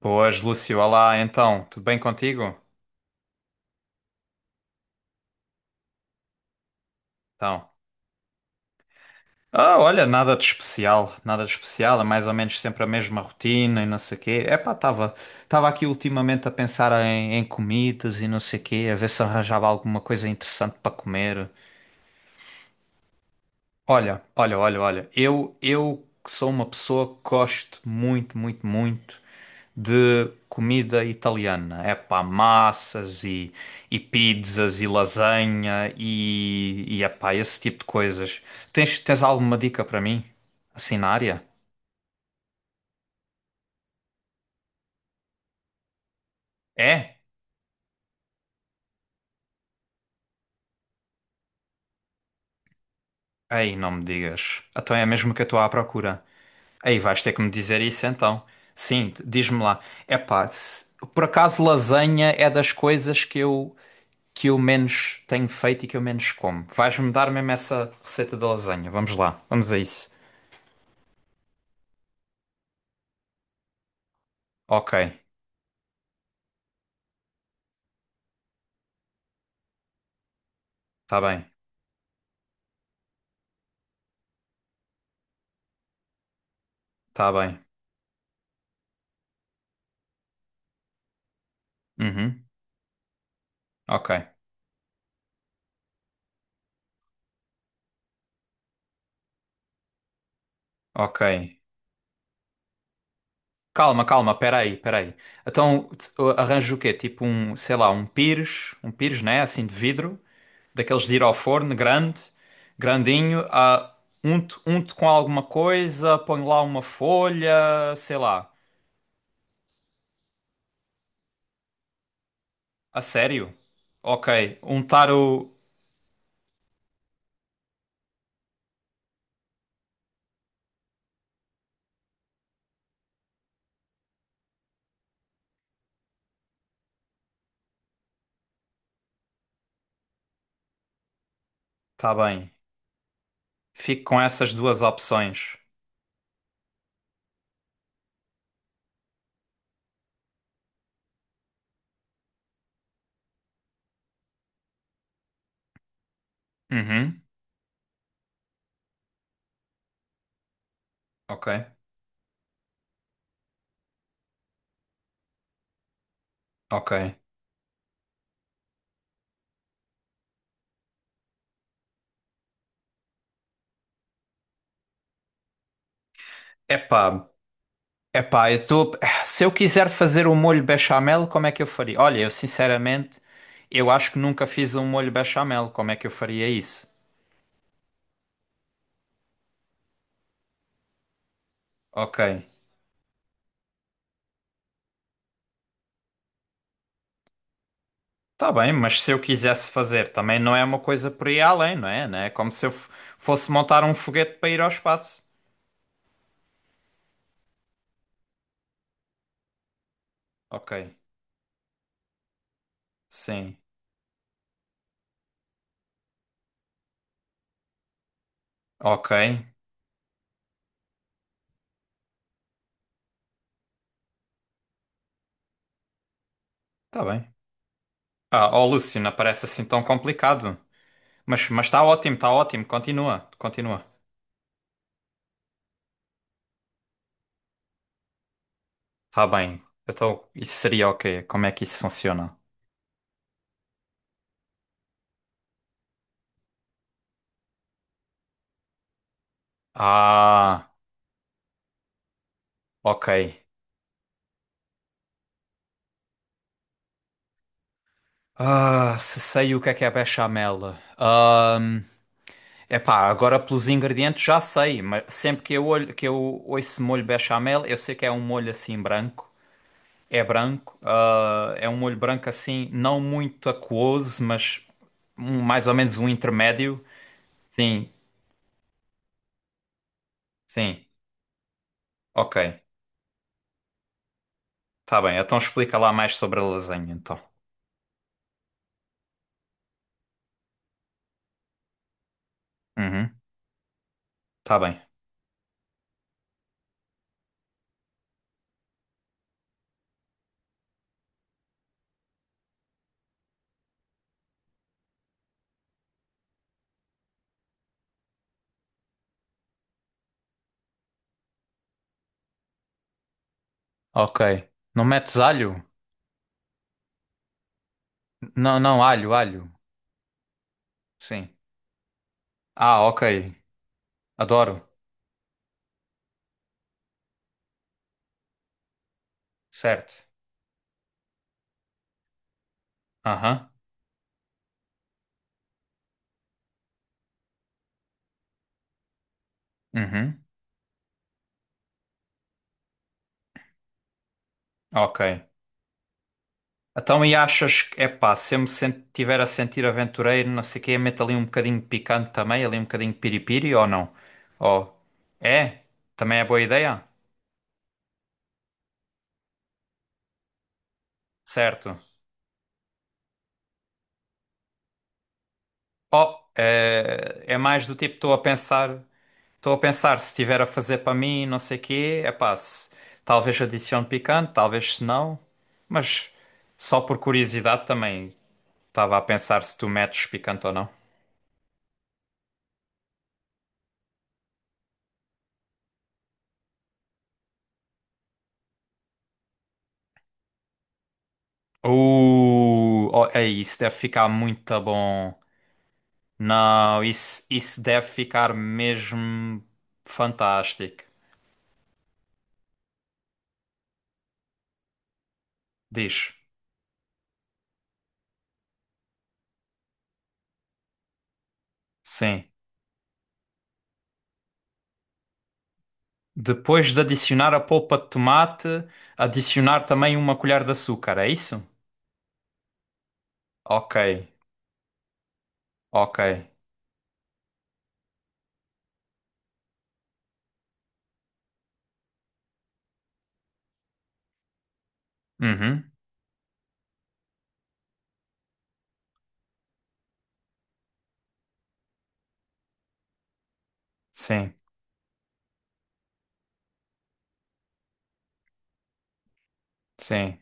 Boas, Lúcio. Olá, então, tudo bem contigo? Então. Ah, olha, nada de especial, nada de especial, é mais ou menos sempre a mesma rotina e não sei o quê. Epá, estava aqui ultimamente a pensar em comidas e não sei o quê, a ver se arranjava alguma coisa interessante para comer. Olha, olha, olha, olha, eu que sou uma pessoa que gosto muito, muito, muito de comida italiana. É pá, massas e pizzas e lasanha e epá, esse tipo de coisas. Tens alguma dica para mim? Assim na área? É? Ei, não me digas. Então é mesmo que eu estou à procura. Ei, vais ter que me dizer isso então. Sim, diz-me lá. É pá, por acaso lasanha é das coisas que eu. Que eu menos tenho feito e que eu menos como. Vais-me dar mesmo essa receita da lasanha. Vamos lá, vamos a isso. Ok. Tá bem, tá bem. Uhum. Ok, ok. Calma, calma, peraí, peraí. Então arranjo o quê? Tipo um, sei lá, um pires, né? Assim de vidro, daqueles de ir ao forno, grande, grandinho. Unto, unto com alguma coisa, ponho lá uma folha, sei lá. A sério? Ok, untar o. Tá bem. Fico com essas duas opções. Uhum. Ok, ok. Epá. Epá, se eu quiser fazer um molho bechamel, como é que eu faria? Olha, eu sinceramente, eu acho que nunca fiz um molho bechamel, como é que eu faria isso? Ok, tá bem, mas se eu quisesse fazer, também não é uma coisa por aí além, não é? Não é como se fosse montar um foguete para ir ao espaço. Ok, sim, ok, tá bem. Ah, ó Lúcio, não parece assim tão complicado, mas está ótimo, continua, continua. Tá bem, então isso seria o quê? Como é que isso funciona? Ah... Ok. Ah, se sei o que é bechamel. Ahm, Epá, agora pelos ingredientes já sei, mas sempre que eu olho, que eu ouço molho bechamel, eu sei que é um molho assim branco. É branco, ah, é um molho branco assim, não muito aquoso, mas mais ou menos um intermédio. Sim, sim. Ok. Tá bem. Então explica lá mais sobre a lasanha, então. Uhum. Tá bem. Ok. Não metes alho? Não, não, alho, alho. Sim. Ah, ok. Adoro, certo. Aham, uhum, ok. Então, e achas que, epá, se eu me tiver a sentir aventureiro, não sei o quê, meto ali um bocadinho de picante também, ali um bocadinho de piripiri ou não? Oh, é? Também é boa ideia? Certo. Oh, é, é mais do tipo, estou a pensar, se tiver a fazer para mim, não sei o quê, epá, se, talvez adicione picante, talvez se não, mas só por curiosidade também estava a pensar se tu metes picante ou não. Oh, é isso, deve ficar muito bom. Não, isso deve ficar mesmo fantástico. Diz, sim. Depois de adicionar a polpa de tomate, adicionar também uma colher de açúcar, é isso? Ok, ok. Uhum, sim, sim.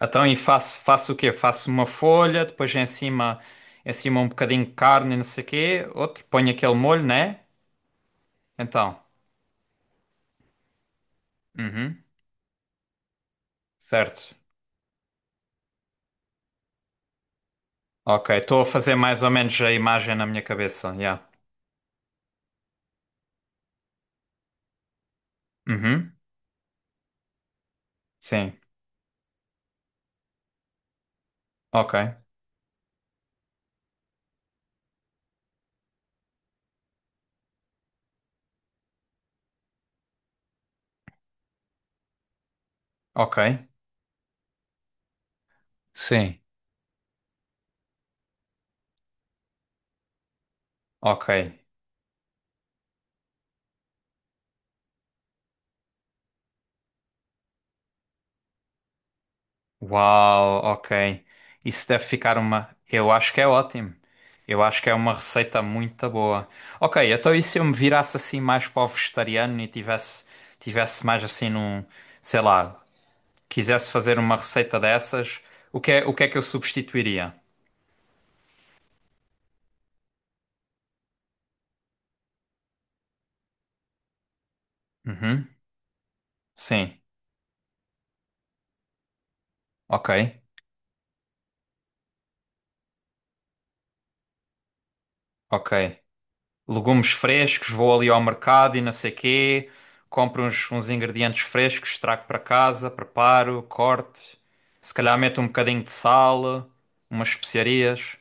Então, e faço, faço o quê? Faço uma folha, depois em cima um bocadinho de carne, e não sei o quê. Outro, ponho aquele molho, né? Então, uhum, certo. Ok, estou a fazer mais ou menos a imagem na minha cabeça. Yeah. Uhum. Sim. Ok. Ok. Sim. Ok. Uau, ok. Isso deve ficar uma. Eu acho que é ótimo. Eu acho que é uma receita muito boa. Ok, então e se eu me virasse assim mais para o vegetariano e tivesse, tivesse mais assim num, sei lá, quisesse fazer uma receita dessas, o que é que eu substituiria? Uhum. Sim. Ok. Ok. Legumes frescos, vou ali ao mercado e não sei quê, compro uns, uns ingredientes frescos, trago para casa, preparo, corto, se calhar meto um bocadinho de sal, umas especiarias.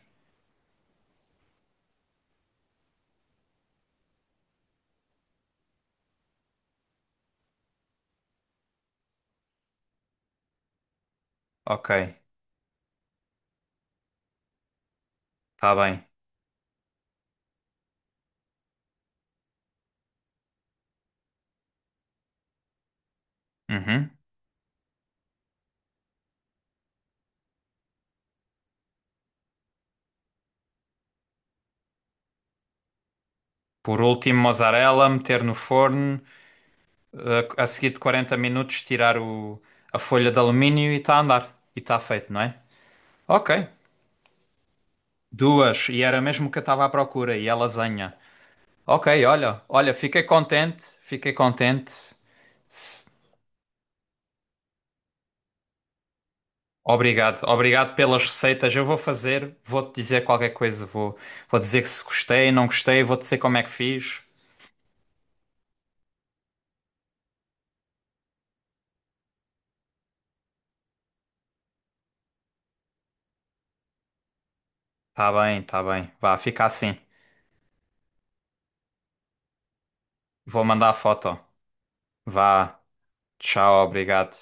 Ok, está bem. Uhum. Por último, mozzarella, meter no forno, eh, a seguir de 40 minutos tirar o, a folha de alumínio e está a andar. E está feito, não é? Ok. Duas, e era mesmo o que eu estava à procura, e a lasanha. Ok, olha, olha, fiquei contente, fiquei contente. S- Obrigado, obrigado pelas receitas. Eu vou fazer, vou-te dizer qualquer coisa. Vou, vou dizer que se gostei, não gostei, vou-te dizer como é que fiz. Tá bem, tá bem. Vá, fica assim. Vou mandar a foto. Vá, tchau, obrigado.